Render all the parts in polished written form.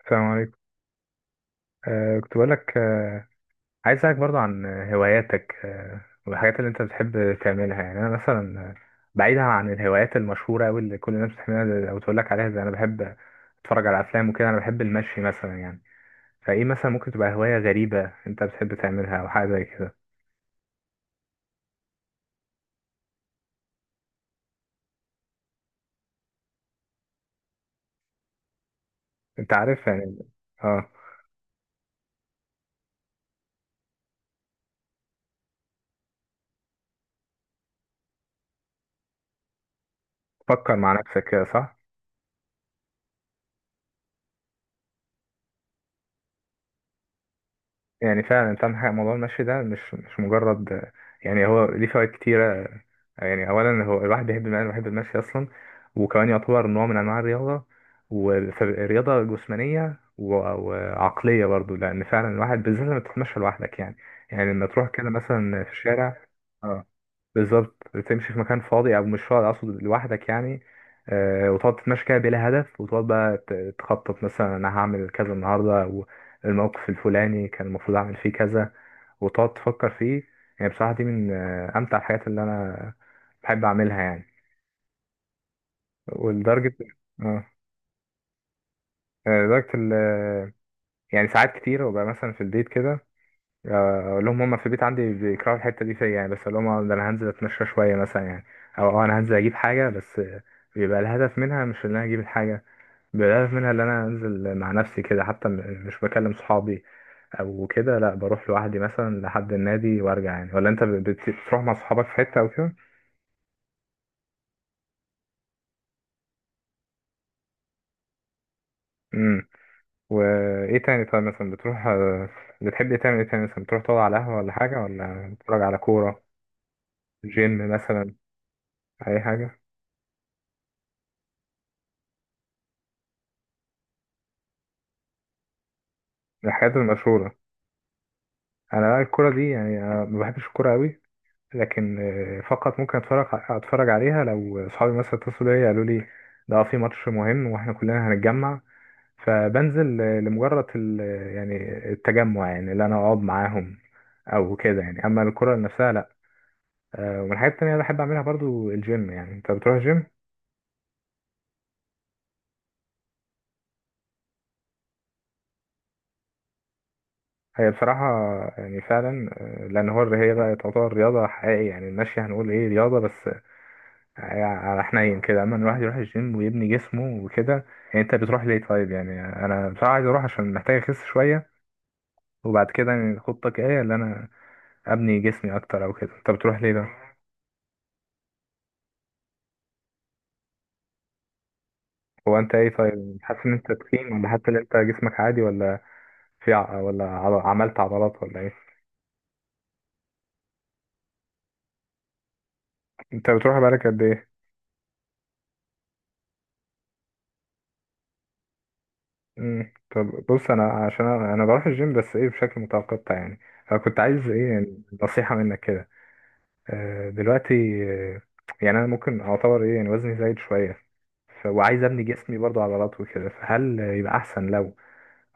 السلام عليكم. كنت بقولك عايز اسألك برضو عن هواياتك، والحاجات اللي انت بتحب تعملها. يعني انا مثلا بعيدا عن الهوايات المشهورة أوي اللي كل الناس بتحبها او تقولك عليها، زي انا بحب اتفرج على افلام وكده، انا بحب المشي مثلا يعني. فايه مثلا ممكن تبقى هواية غريبة انت بتحب تعملها او حاجة زي كده؟ انت عارف يعني. اه. فكر مع نفسك كده، صح. يعني فعلا انت عندك حق، موضوع المشي ده مش مجرد، يعني هو ليه فوائد كتيرة. يعني اولا هو الواحد بيحب المشي، اصلا، وكمان يعتبر نوع من انواع الرياضه، ورياضه جسمانيه و- وعقليه برضو، لان فعلا الواحد بالذات لما تتمشى لوحدك يعني يعني لما تروح كده مثلا في الشارع، اه، بالظبط. تمشي في مكان فاضي او مش فاضي، اقصد لوحدك يعني، وتقعد تتمشى كده بلا هدف، وتقعد بقى تخطط مثلا، انا هعمل كذا النهارده، والموقف الفلاني كان المفروض اعمل فيه كذا، وتقعد تفكر فيه. يعني بصراحة دي من أمتع الحاجات اللي أنا بحب أعملها يعني. ولدرجة اه آه، لدرجة ال آه، يعني ساعات كتير ببقى مثلا في البيت كده، أقول لهم، هما في البيت عندي بيكرهوا الحتة دي فيا يعني، بس أقول لهم ده أنا هنزل أتمشى شوية مثلا يعني، أو أنا هنزل أجيب حاجة، بس بيبقى الهدف منها مش إن أنا أجيب الحاجة، بيبقى الهدف منها إن أنا أنزل مع نفسي كده، حتى مش بكلم صحابي أو كده، لأ بروح لوحدي مثلا لحد النادي وأرجع يعني. ولا أنت بتروح مع صحابك في حتة أو كده؟ وايه تاني طيب؟ مثلا بتروح، بتحب إيه، تعمل ايه تاني؟ مثلا بتروح تقعد على قهوة ولا حاجة، ولا بتتفرج على كورة، جيم مثلا، أي حاجة من الحاجات المشهورة؟ أنا بقى الكورة دي، يعني أنا ما بحبش الكورة أوي، لكن فقط ممكن أتفرج عليها لو أصحابي مثلا اتصلوا بيا قالوا لي ده في ماتش مهم وإحنا كلنا هنتجمع، فبنزل لمجرد يعني التجمع، يعني اللي أنا أقعد معاهم أو كده يعني، أما الكورة نفسها لأ. ومن الحاجات التانية اللي بحب أعملها برضو الجيم. يعني أنت بتروح جيم؟ هي بصراحة، يعني فعلا، لأن هو هي بقى تعتبر رياضة حقيقية، يعني المشي هنقول إيه، رياضة بس على حنين كده، أما الواحد يروح الجيم ويبني جسمه وكده يعني. أنت بتروح ليه طيب يعني؟ أنا بصراحة عايز أروح عشان محتاج أخس شوية. وبعد كده يعني خطتك إيه، اللي أنا أبني جسمي أكتر أو كده؟ أنت بتروح ليه ده؟ هو أنت إيه طيب، حاسس إن أنت تخين ولا حاسس إن أنت جسمك عادي، ولا في ولا عملت عضلات ولا إيه؟ أنت بتروح بقالك قد إيه؟ مم. طب بص انا، عشان أنا بروح الجيم بس ايه بشكل متقطع يعني، فكنت عايز ايه يعني نصيحة منك كده. دلوقتي آه، يعني انا ممكن اعتبر ايه، يعني وزني زايد شوية، وعايز ابني جسمي برضو عضلات وكده، فهل يبقى احسن لو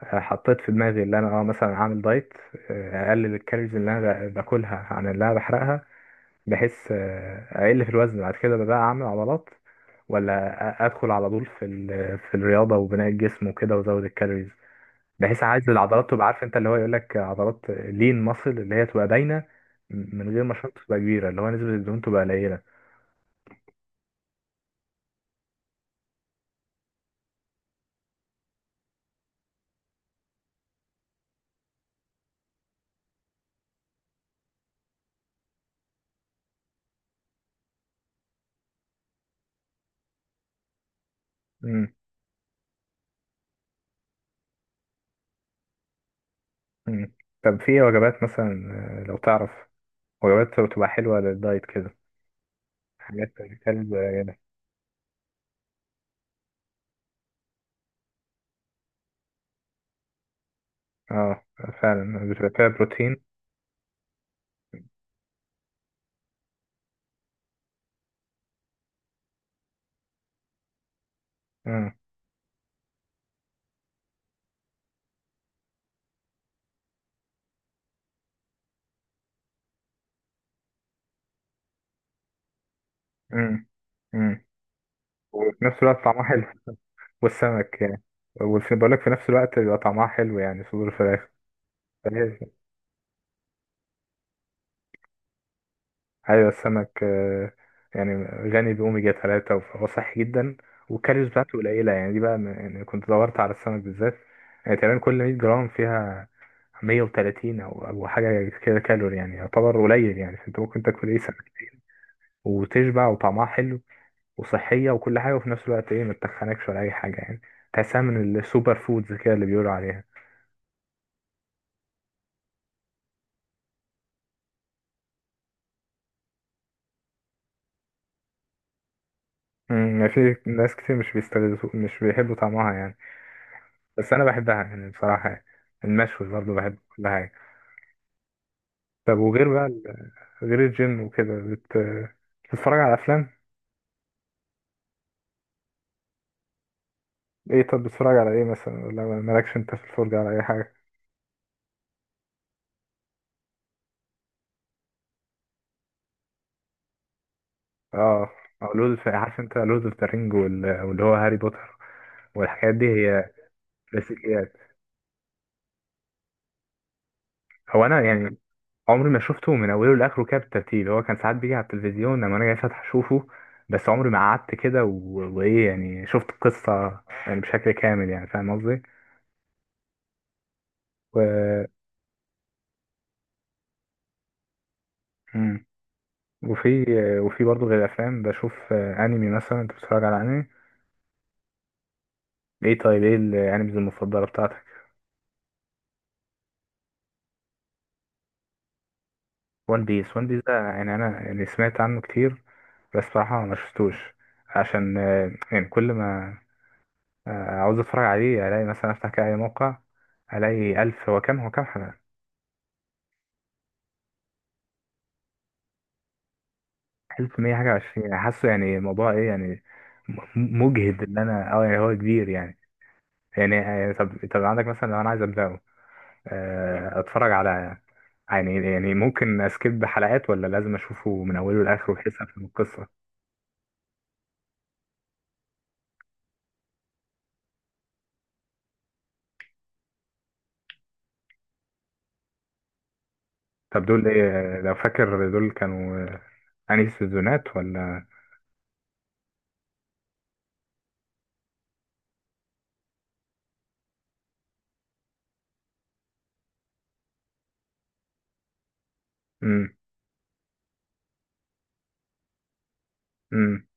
حطيت في دماغي ان انا مثلا اعمل دايت، اقلل الكالوريز اللي انا باكلها عن اللي انا بحرقها، بحيث اقل في الوزن، بعد كده بقى اعمل عضلات، ولا ادخل على طول في في الرياضة وبناء الجسم وكده، وازود الكالوريز، بحيث عايز العضلات تبقى، عارف انت اللي هو يقول لك عضلات لين ماسل، اللي هي تبقى باينه من غير ما الشنطه تبقى كبيره، اللي هو نسبه الدهون تبقى قليله. امم. امم. طب في ايه وجبات مثلا، لو تعرف وجبات بتبقى حلوه للدايت كده؟ حاجات كالب قليله. اه، فعلا بتبقى فيها بروتين. امم. امم. امم. وفي نفس الوقت طعمها حلو، والسمك يعني. وفي بقول لك، في نفس الوقت بيبقى طعمها حلو يعني، صدور الفراخ. ايوه، السمك يعني غني باوميجا 3 فهو صحي جدا، والكالوريز بتاعته قليله يعني، دي بقى يعني كنت دورت على السمك بالذات. يعني تقريبا كل 100 جرام فيها 130 او حاجه كده كالوري، يعني يعتبر قليل يعني. فانت ممكن تاكل ايه، سمكتين وتشبع، وطعمها حلو وصحيه وكل حاجه، وفي نفس الوقت ايه، ما تتخنكش ولا اي حاجه يعني. تحسها من السوبر فودز كده اللي بيقولوا عليها. امم. يعني في ناس كتير مش بيحبوا طعمها يعني، بس انا بحبها يعني بصراحه يعني. المشوي برضه بحب كل حاجه. طب وغير بقى، غير الجيم وكده بتتفرج على افلام. ايه طب، بتتفرج على ايه مثلا، ولا مالكش انت في الفرجة على اي حاجة؟ اه، أو لود في، عارف انت لود اوف ذا رينج واللي هو هاري بوتر والحاجات دي، هي كلاسيكيات. هو انا يعني عمري ما شفته من اوله لاخره كده بالترتيب، هو كان ساعات بيجي على التلفزيون لما انا جاي فاتح اشوفه، بس عمري ما قعدت كده وايه يعني، شفت القصة يعني بشكل كامل يعني، فاهم قصدي؟ و... مم. وفي وفي برضه، غير الافلام بشوف انمي مثلا. انت بتتفرج على انمي؟ ايه طيب، ايه الانميز المفضله بتاعتك؟ وان بيس. وان بيس ده يعني انا، يعني سمعت عنه كتير، بس بصراحه ما شفتوش عشان يعني كل ما عاوز اتفرج عليه الاقي مثلا افتح كده اي موقع، الاقي الف، هو كام حلقه. 1100 حاجه وعشرين، يعني حاسه يعني، موضوع ايه يعني، مجهد ان انا، يعني هو كبير يعني. يعني يعني، طب عندك مثلا لو انا عايز ابداه، اتفرج على، يعني ممكن اسكيب حلقات ولا لازم اشوفه من اوله لاخره بحيث افهم القصه؟ طب دول ايه لو فاكر، دول كانوا انهي سيزونات ولا؟ امم. امم.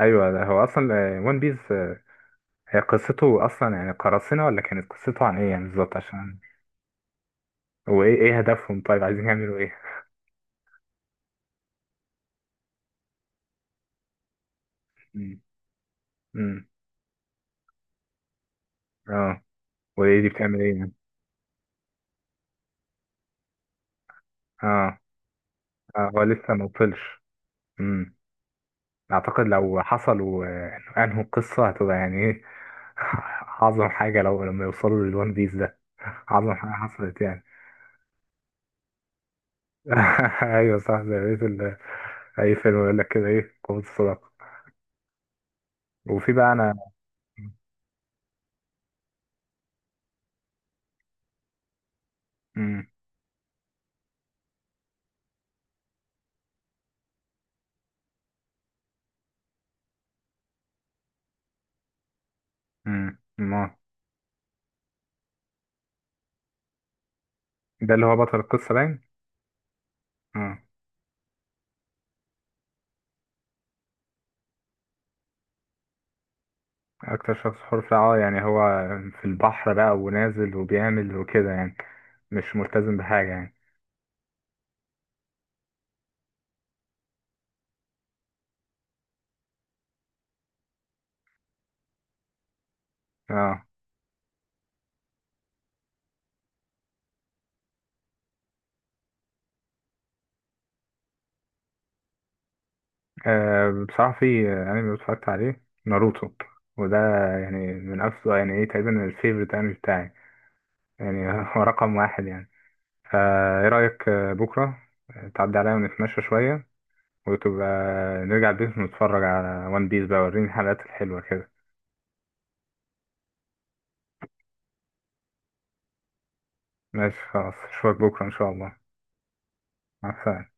ايوه، ده هو اصلا ون بيس. هي قصته اصلا يعني قراصنه، ولا كانت قصته عن ايه يعني بالظبط عشان؟ ايه هدفهم طيب، عايزين يعملوا ايه؟ امم. امم. اه، وايه دي بتعمل ايه يعني؟ اه. اه، هو لسه ما وصلش. اعتقد لو حصل وانهوا القصه هتبقى يعني ايه. اعظم حاجه لو لما يوصلوا للوان بيس ده، اعظم حاجه حصلت يعني. ايوه صح، زي بقية اي فيلم يقول لك كده ايه، قوه الصداقه. وفي بقى انا، امم ما ده اللي هو بطل القصه باين. امم. اكتر شخص حر في، يعني هو في البحر بقى ونازل وبيعمل وكده يعني، مش ملتزم بحاجه يعني آه. أه، بصراحة في أنمي اتفرجت عليه، ناروتو. وده يعني من أفضل، يعني إيه تقريبا الفيفوريت أنمي بتاعي، يعني هو رقم واحد يعني. إيه رأيك، بكرة تعدي عليا ونتمشى شوية، وتبقى نرجع البيت ونتفرج على ون بيس بقى، وريني الحلقات الحلوة كده. ماشي خلاص، أشوفك بكرة إن شاء الله. مع السلامة.